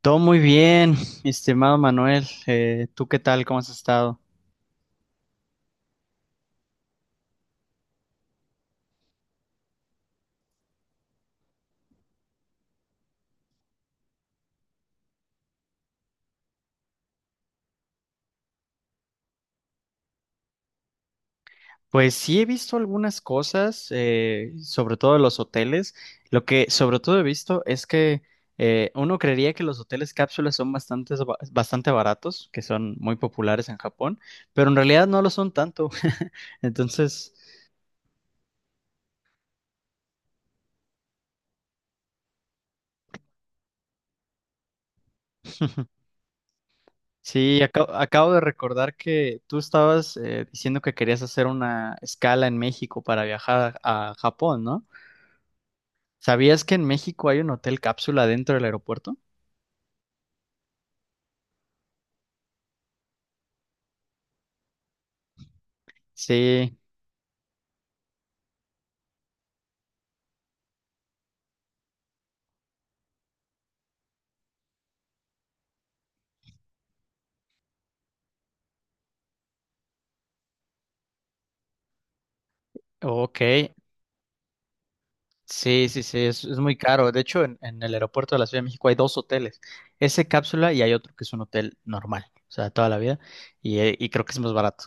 Todo muy bien, mi estimado Manuel. ¿Tú qué tal? ¿Cómo has estado? Pues sí he visto algunas cosas, sobre todo de los hoteles. Lo que sobre todo he visto es que uno creería que los hoteles cápsulas son bastante baratos, que son muy populares en Japón, pero en realidad no lo son tanto. Entonces, sí, acabo de recordar que tú estabas diciendo que querías hacer una escala en México para viajar a Japón, ¿no? ¿Sabías que en México hay un hotel cápsula dentro del aeropuerto? Sí, ok. Sí, sí, sí, es muy caro. De hecho, en el aeropuerto de la Ciudad de México hay dos hoteles. Ese cápsula y hay otro que es un hotel normal, o sea, toda la vida. Y creo que es más barato.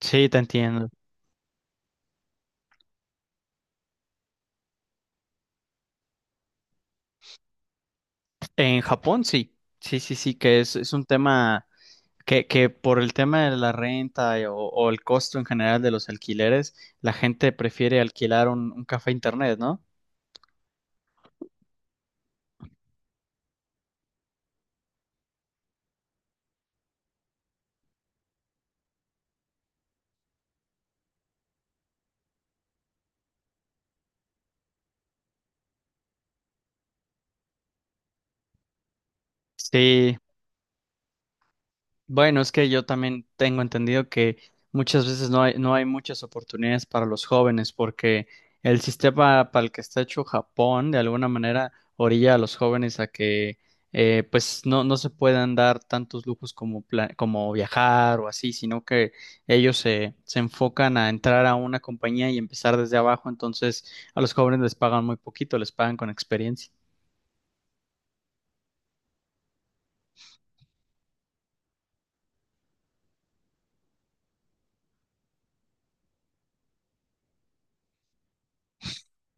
Sí, te entiendo. En Japón, sí. Sí, sí, sí, que es un tema que por el tema de la renta o el costo en general de los alquileres, la gente prefiere alquilar un café internet, ¿no? Sí, bueno, es que yo también tengo entendido que muchas veces no hay muchas oportunidades para los jóvenes porque el sistema para el que está hecho Japón de alguna manera orilla a los jóvenes a que pues no, no se puedan dar tantos lujos como viajar o así, sino que ellos se enfocan a entrar a una compañía y empezar desde abajo, entonces a los jóvenes les pagan muy poquito, les pagan con experiencia.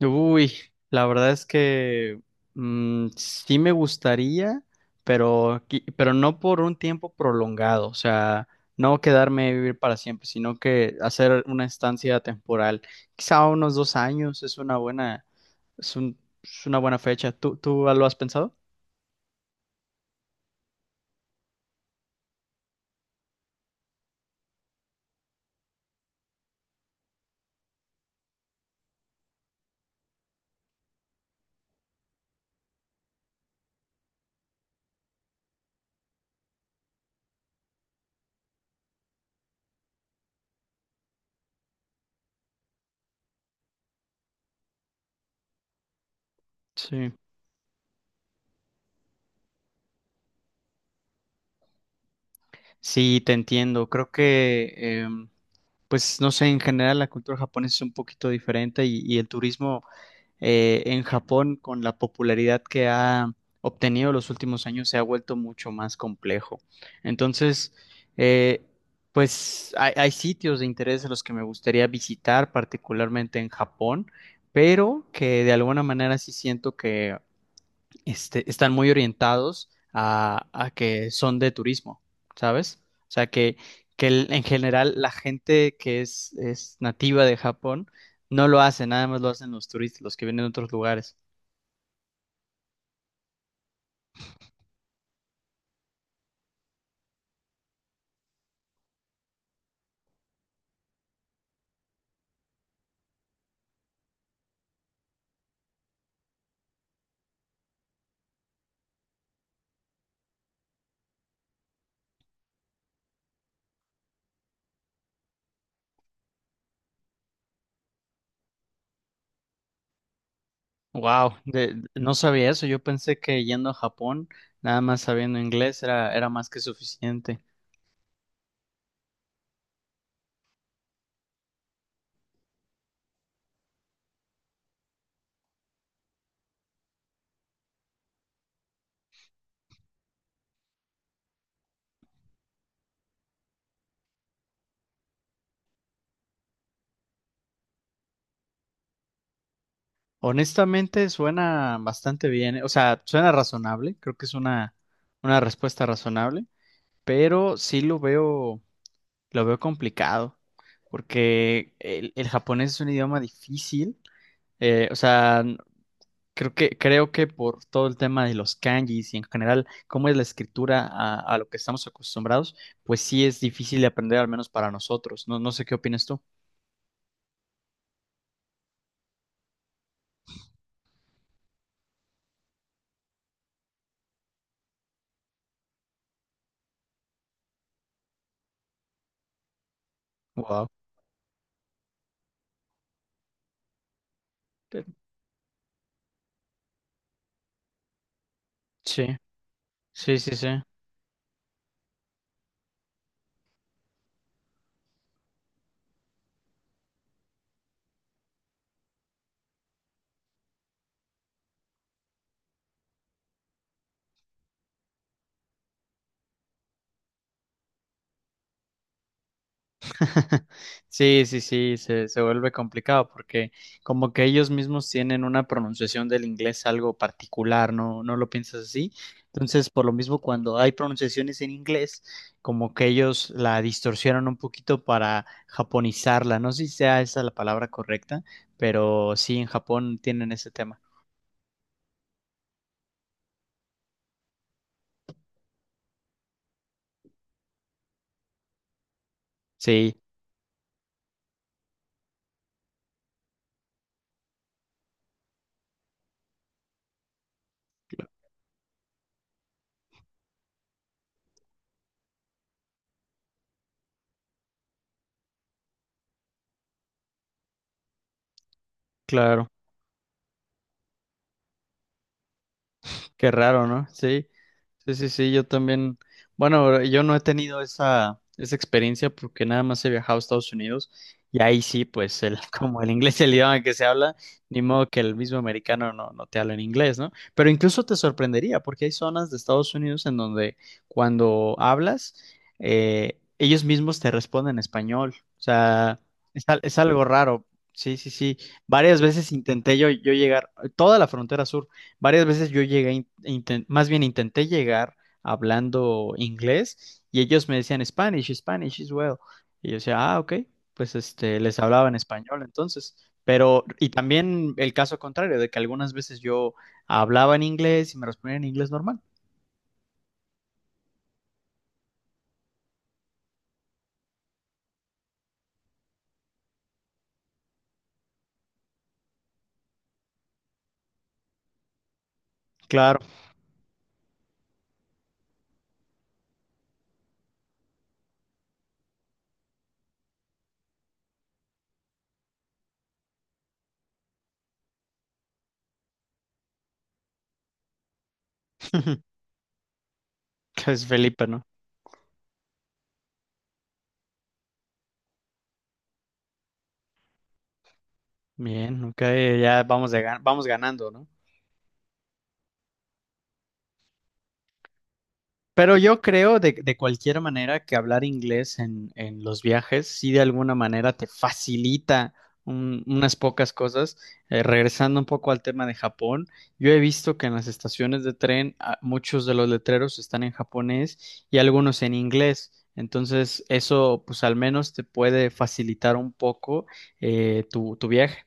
Uy, la verdad es que sí me gustaría, pero, pero no por un tiempo prolongado, o sea, no quedarme a vivir para siempre, sino que hacer una estancia temporal, quizá unos 2 años es una buena, es una buena fecha. ¿Tú, tú lo has pensado? Sí. Sí, te entiendo. Creo que, em, pues, no sé, en general la cultura japonesa es un poquito diferente y el turismo en Japón, con la popularidad que ha obtenido los últimos años, se ha vuelto mucho más complejo. Entonces, eh, pues hay sitios de interés a los que me gustaría visitar, particularmente en Japón, pero que de alguna manera sí siento que este, están muy orientados a que son de turismo, ¿sabes? O sea, en general la gente que es nativa de Japón no lo hace, nada más lo hacen los turistas, los que vienen de otros lugares. Wow, no sabía eso. Yo pensé que yendo a Japón, nada más sabiendo inglés era más que suficiente. Honestamente, suena bastante bien, o sea, suena razonable, creo que es una respuesta razonable, pero sí lo veo, lo veo complicado, porque el japonés es un idioma difícil. O sea, creo que por todo el tema de los kanjis y en general cómo es la escritura a lo que estamos acostumbrados, pues sí es difícil de aprender, al menos para nosotros. No, no sé qué opinas tú. Wow. Sí, sí, sí, sí. Sí, sí, sí, se vuelve complicado porque como que ellos mismos tienen una pronunciación del inglés algo particular, ¿no? ¿No lo piensas así? Entonces, por lo mismo, cuando hay pronunciaciones en inglés, como que ellos la distorsionan un poquito para japonizarla. No sé si sea esa la palabra correcta, pero sí, en Japón tienen ese tema. Sí, claro. Qué raro, ¿no? Sí, sí, sí, sí, yo también. Bueno, yo no he tenido esa experiencia porque nada más he viajado a Estados Unidos y ahí sí, pues como el inglés es el idioma que se habla, ni modo que el mismo americano no, no te habla en inglés, ¿no? Pero incluso te sorprendería porque hay zonas de Estados Unidos en donde cuando hablas, ellos mismos te responden en español. O sea, es algo raro. Sí, sí, sí. Varias veces intenté yo llegar, toda la frontera sur. Varias veces yo llegué, más bien intenté llegar hablando inglés y ellos me decían Spanish, Spanish as well. Y yo decía, ah, ok, pues este, les hablaba en español entonces. Pero, y también el caso contrario, de que algunas veces yo hablaba en inglés y me respondían en inglés normal. Claro, que es Felipe, ¿no? Bien, ok, ya vamos, vamos ganando, ¿no? Pero yo creo de cualquier manera que hablar inglés en los viajes sí de alguna manera te facilita unas pocas cosas. Regresando un poco al tema de Japón, yo he visto que en las estaciones de tren ah, muchos de los letreros están en japonés y algunos en inglés. Entonces eso pues al menos te puede facilitar un poco tu viaje.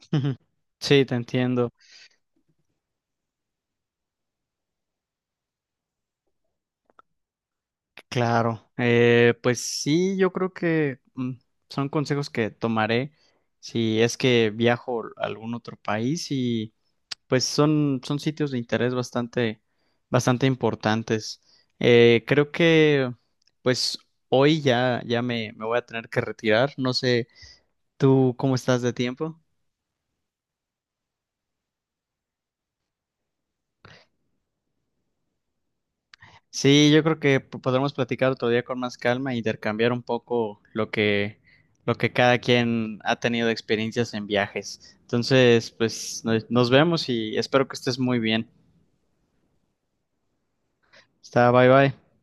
Sí, te entiendo. Claro, pues sí, yo creo que son consejos que tomaré si es que viajo a algún otro país y pues son, son sitios de interés bastante importantes. Creo que pues hoy ya, me voy a tener que retirar. No sé, ¿tú cómo estás de tiempo? Sí, yo creo que podremos platicar otro día con más calma e intercambiar un poco lo que cada quien ha tenido de experiencias en viajes. Entonces, pues nos nos vemos y espero que estés muy bien. Está, bye bye.